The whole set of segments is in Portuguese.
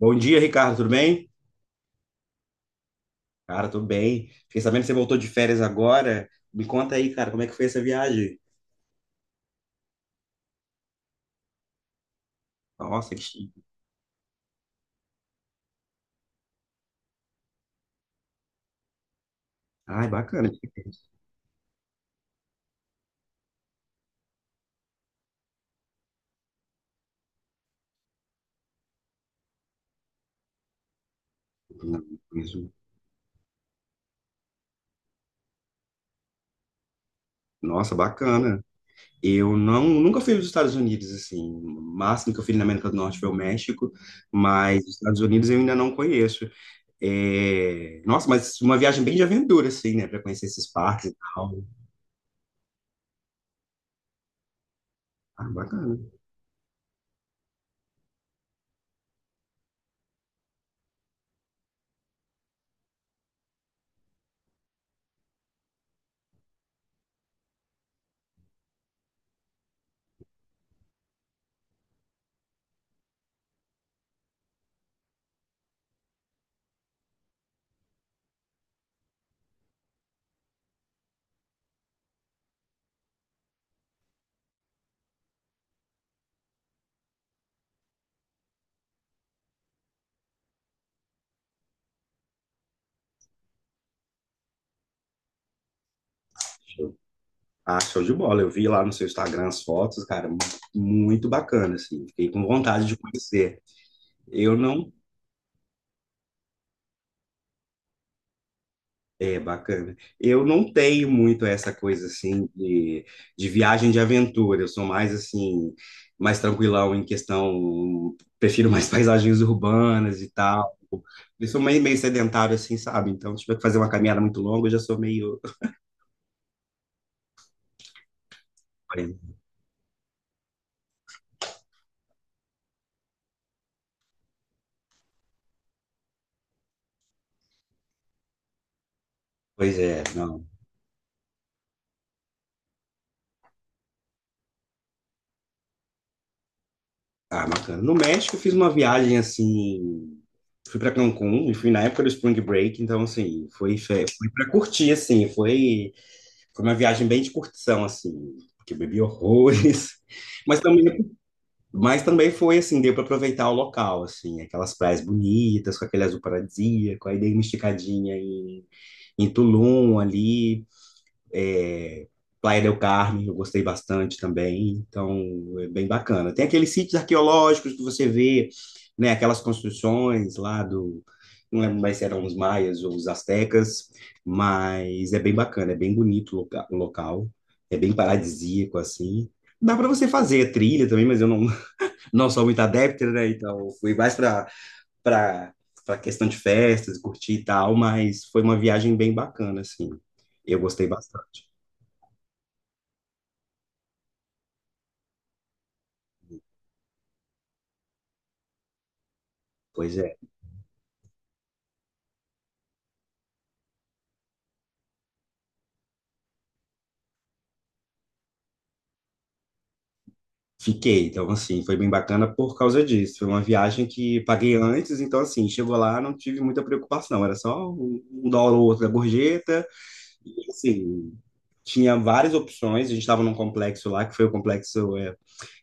Bom dia, Ricardo, tudo bem? Cara, tudo bem. Fiquei sabendo que você voltou de férias agora. Me conta aí, cara, como é que foi essa viagem? Nossa, que chique. Ai, bacana. Nossa, bacana. Eu não, nunca fui nos Estados Unidos, assim. O máximo que eu fui na América do Norte foi o México, mas os Estados Unidos eu ainda não conheço. É, nossa, mas uma viagem bem de aventura, assim, né? Pra conhecer esses parques e tal. Ah, bacana. Ah, show de bola. Eu vi lá no seu Instagram as fotos, cara, muito bacana, assim. Fiquei com vontade de conhecer. Eu não. É bacana. Eu não tenho muito essa coisa, assim, de viagem de aventura. Eu sou mais, assim, mais tranquilão em questão. Prefiro mais paisagens urbanas e tal. Eu sou meio, meio sedentário, assim, sabe? Então, se tiver que fazer uma caminhada muito longa, eu já sou meio. Pois é, não. Ah, bacana. No México eu fiz uma viagem assim, fui para Cancún e fui na época do Spring Break, então assim, foi para curtir assim, foi uma viagem bem de curtição assim, porque eu bebi horrores, mas também mas também foi assim, deu para aproveitar o local assim, aquelas praias bonitas, com aquele azul paradisíaco, aí dei uma esticadinha em, em Tulum ali, é, Playa del Carmen, eu gostei bastante também, então é bem bacana. Tem aqueles sítios arqueológicos que você vê, né, aquelas construções lá do, não lembro mais se eram os maias ou os astecas, mas é bem bacana, é bem bonito o o local, é bem paradisíaco assim. Dá para você fazer trilha também, mas eu não, não sou muito adepto, né? Então eu fui mais para para questão de festas, curtir e tal, mas foi uma viagem bem bacana assim. Eu gostei bastante. Pois é, fiquei. Então, assim, foi bem bacana por causa disso. Foi uma viagem que paguei antes, então, assim, chegou lá, não tive muita preocupação. Era só um dólar ou outro da gorjeta. E, assim, tinha várias opções. A gente estava num complexo lá, que foi o complexo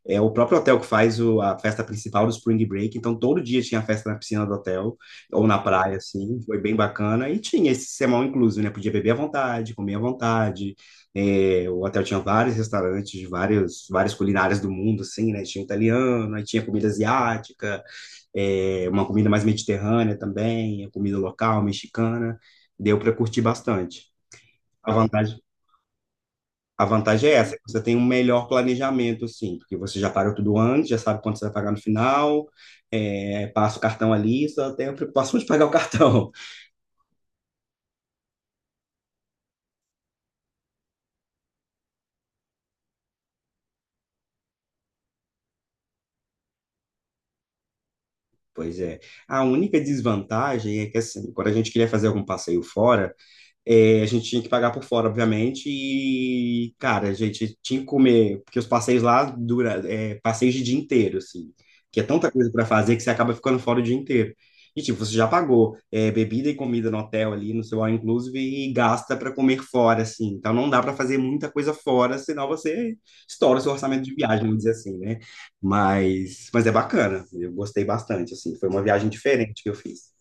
é o próprio hotel que faz a festa principal do Spring Break, então todo dia tinha festa na piscina do hotel, ou na praia, assim, foi bem bacana, e tinha esse sermão incluso, né? Podia beber à vontade, comer à vontade, é, o hotel tinha vários restaurantes, de várias culinárias do mundo, assim, né? Tinha italiano, aí tinha comida asiática, é, uma comida mais mediterrânea também, a comida local, mexicana, deu para curtir bastante. A vantagem, a vantagem é essa, que você tem um melhor planejamento, sim, porque você já pagou tudo antes, já sabe quanto você vai pagar no final, é, passa o cartão ali, só tem a preocupação de pagar o cartão. Pois é. A única desvantagem é que, assim, quando a gente queria fazer algum passeio fora, é, a gente tinha que pagar por fora, obviamente, e, cara, a gente tinha que comer, porque os passeios lá dura, é, passeios de dia inteiro, assim, que é tanta coisa para fazer que você acaba ficando fora o dia inteiro. E, tipo, você já pagou é, bebida e comida no hotel ali, no seu all inclusive, e gasta para comer fora, assim. Então, não dá para fazer muita coisa fora, senão você estoura o seu orçamento de viagem, vamos dizer assim, né? Mas é bacana, eu gostei bastante, assim. Foi uma viagem diferente que eu fiz.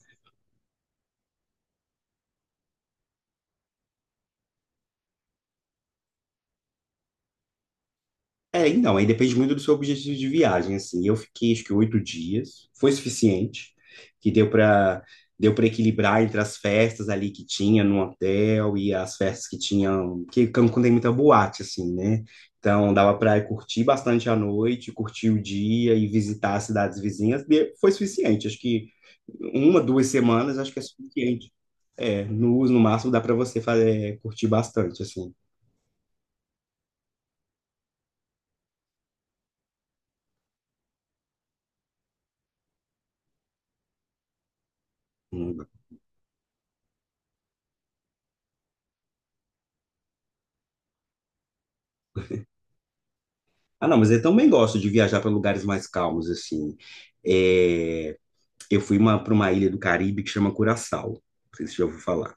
É, então, aí depende muito do seu objetivo de viagem, assim. Eu fiquei, acho que 8 dias, foi suficiente, que deu para equilibrar entre as festas ali que tinha no hotel e as festas que tinham, que Cancún tem muita boate, assim, né? Então, dava para curtir bastante a noite, curtir o dia e visitar as cidades vizinhas, foi suficiente. Acho que uma, duas semanas, acho que é suficiente. É, no máximo dá para você fazer, curtir bastante, assim. Um, ah, não, mas eu também gosto de viajar para lugares mais calmos, assim. É, eu fui uma, para uma ilha do Caribe que chama Curaçao. Não sei se você já ouviu falar.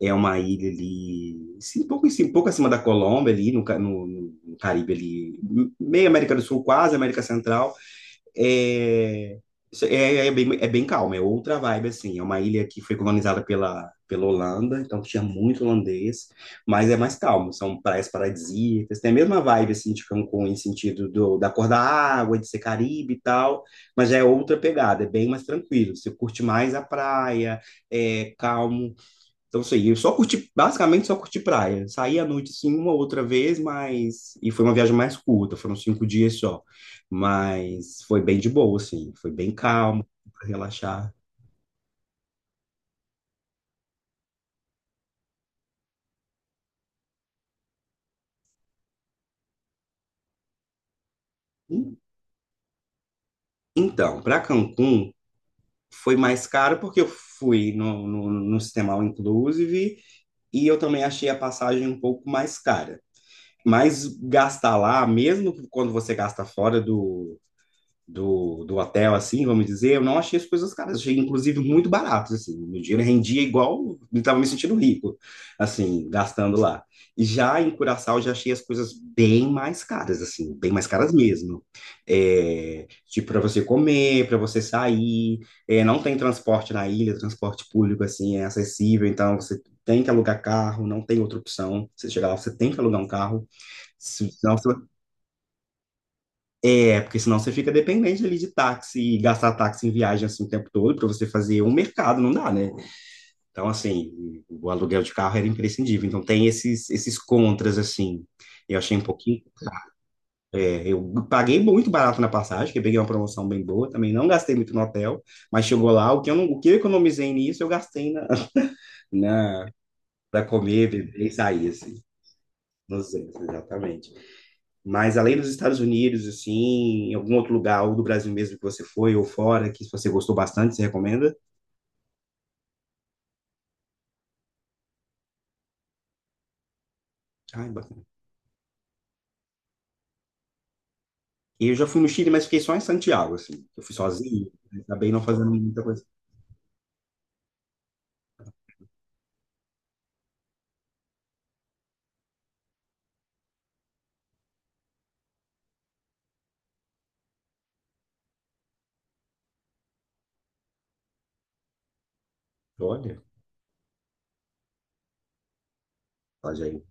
É uma ilha ali, sim, um pouco, um pouco acima da Colômbia, ali no, no Caribe, ali, meio América do Sul, quase América Central. É, isso é, é bem calmo, é outra vibe, assim. É uma ilha que foi colonizada pela Holanda, então tinha muito holandês, mas é mais calmo. São praias paradisíacas, tem a mesma vibe, assim, de Cancún, em sentido do, da cor da água, de ser Caribe e tal, mas já é outra pegada, é bem mais tranquilo. Você curte mais a praia, é calmo. Então, assim, eu só curti, basicamente só curti praia. Saí à noite, assim, uma outra vez, mas e foi uma viagem mais curta, foram 5 dias só. Mas foi bem de boa, assim. Foi bem calmo, pra relaxar. Então, para Cancún, foi mais caro porque eu fui no sistema All Inclusive e eu também achei a passagem um pouco mais cara. Mas gastar lá, mesmo quando você gasta fora do hotel, assim, vamos dizer, eu não achei as coisas caras, achei inclusive muito baratos, assim, meu dinheiro rendia igual, eu estava me sentindo rico, assim, gastando lá. E já em Curaçao, eu já achei as coisas bem mais caras, assim, bem mais caras mesmo. É, tipo, para você comer, para você sair, é, não tem transporte na ilha, transporte público, assim, é acessível, então você tem que alugar carro, não tem outra opção. Você chegar lá, você tem que alugar um carro, senão você é, porque senão você fica dependente ali de táxi e gastar táxi em viagem assim o tempo todo para você fazer um mercado, não dá, né? Então, assim, o aluguel de carro era imprescindível. Então, tem esses contras, assim. Eu achei um pouquinho. É, eu paguei muito barato na passagem, que eu peguei uma promoção bem boa também. Não gastei muito no hotel, mas chegou lá, o que eu, não, o que eu economizei nisso, eu gastei na, para comer, beber e sair, assim. Nos exatamente. Mas além dos Estados Unidos, assim, em algum outro lugar, ou do Brasil mesmo que você foi, ou fora, que você gostou bastante, você recomenda? Ai, bacana. Eu já fui no Chile, mas fiquei só em Santiago, assim. Eu fui sozinho, acabei não fazendo muita coisa. Olha, olha aí.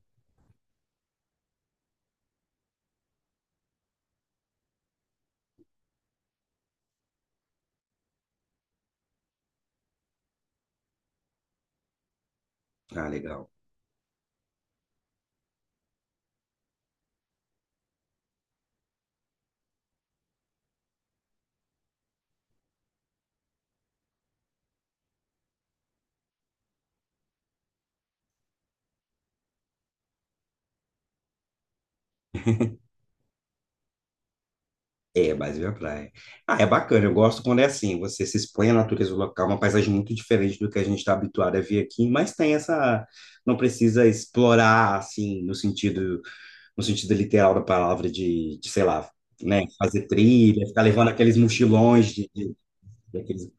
Ah, legal. É, Brasil é praia. Ah, é bacana. Eu gosto quando é assim. Você se expõe à natureza local, uma paisagem muito diferente do que a gente está habituado a ver aqui, mas tem essa. Não precisa explorar, assim, no sentido literal da palavra, de, sei lá, né, fazer trilha, ficar levando aqueles mochilões de aqueles.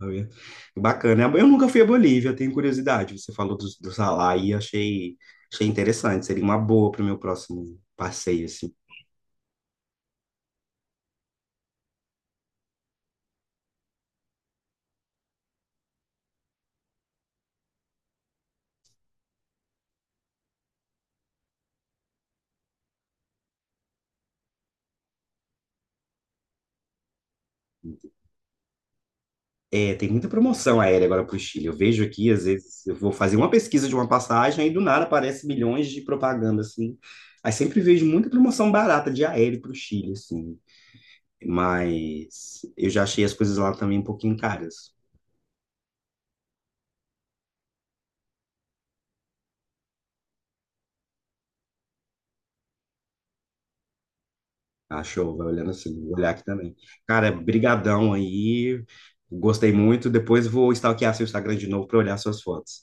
Bacana. Eu nunca fui à Bolívia, eu tenho curiosidade. Você falou do Salar e achei, achei interessante. Seria uma boa para o meu próximo passeio, assim. É, tem muita promoção aérea agora para o Chile. Eu vejo aqui, às vezes, eu vou fazer uma pesquisa de uma passagem e do nada aparece milhões de propaganda, assim. Aí sempre vejo muita promoção barata de aéreo para o Chile, assim. Mas eu já achei as coisas lá também um pouquinho caras. Achou, vai olhando assim, vou olhar aqui também. Cara, brigadão aí. Gostei muito. Depois vou stalkear seu Instagram de novo para olhar suas fotos.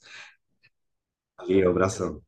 Valeu, abração.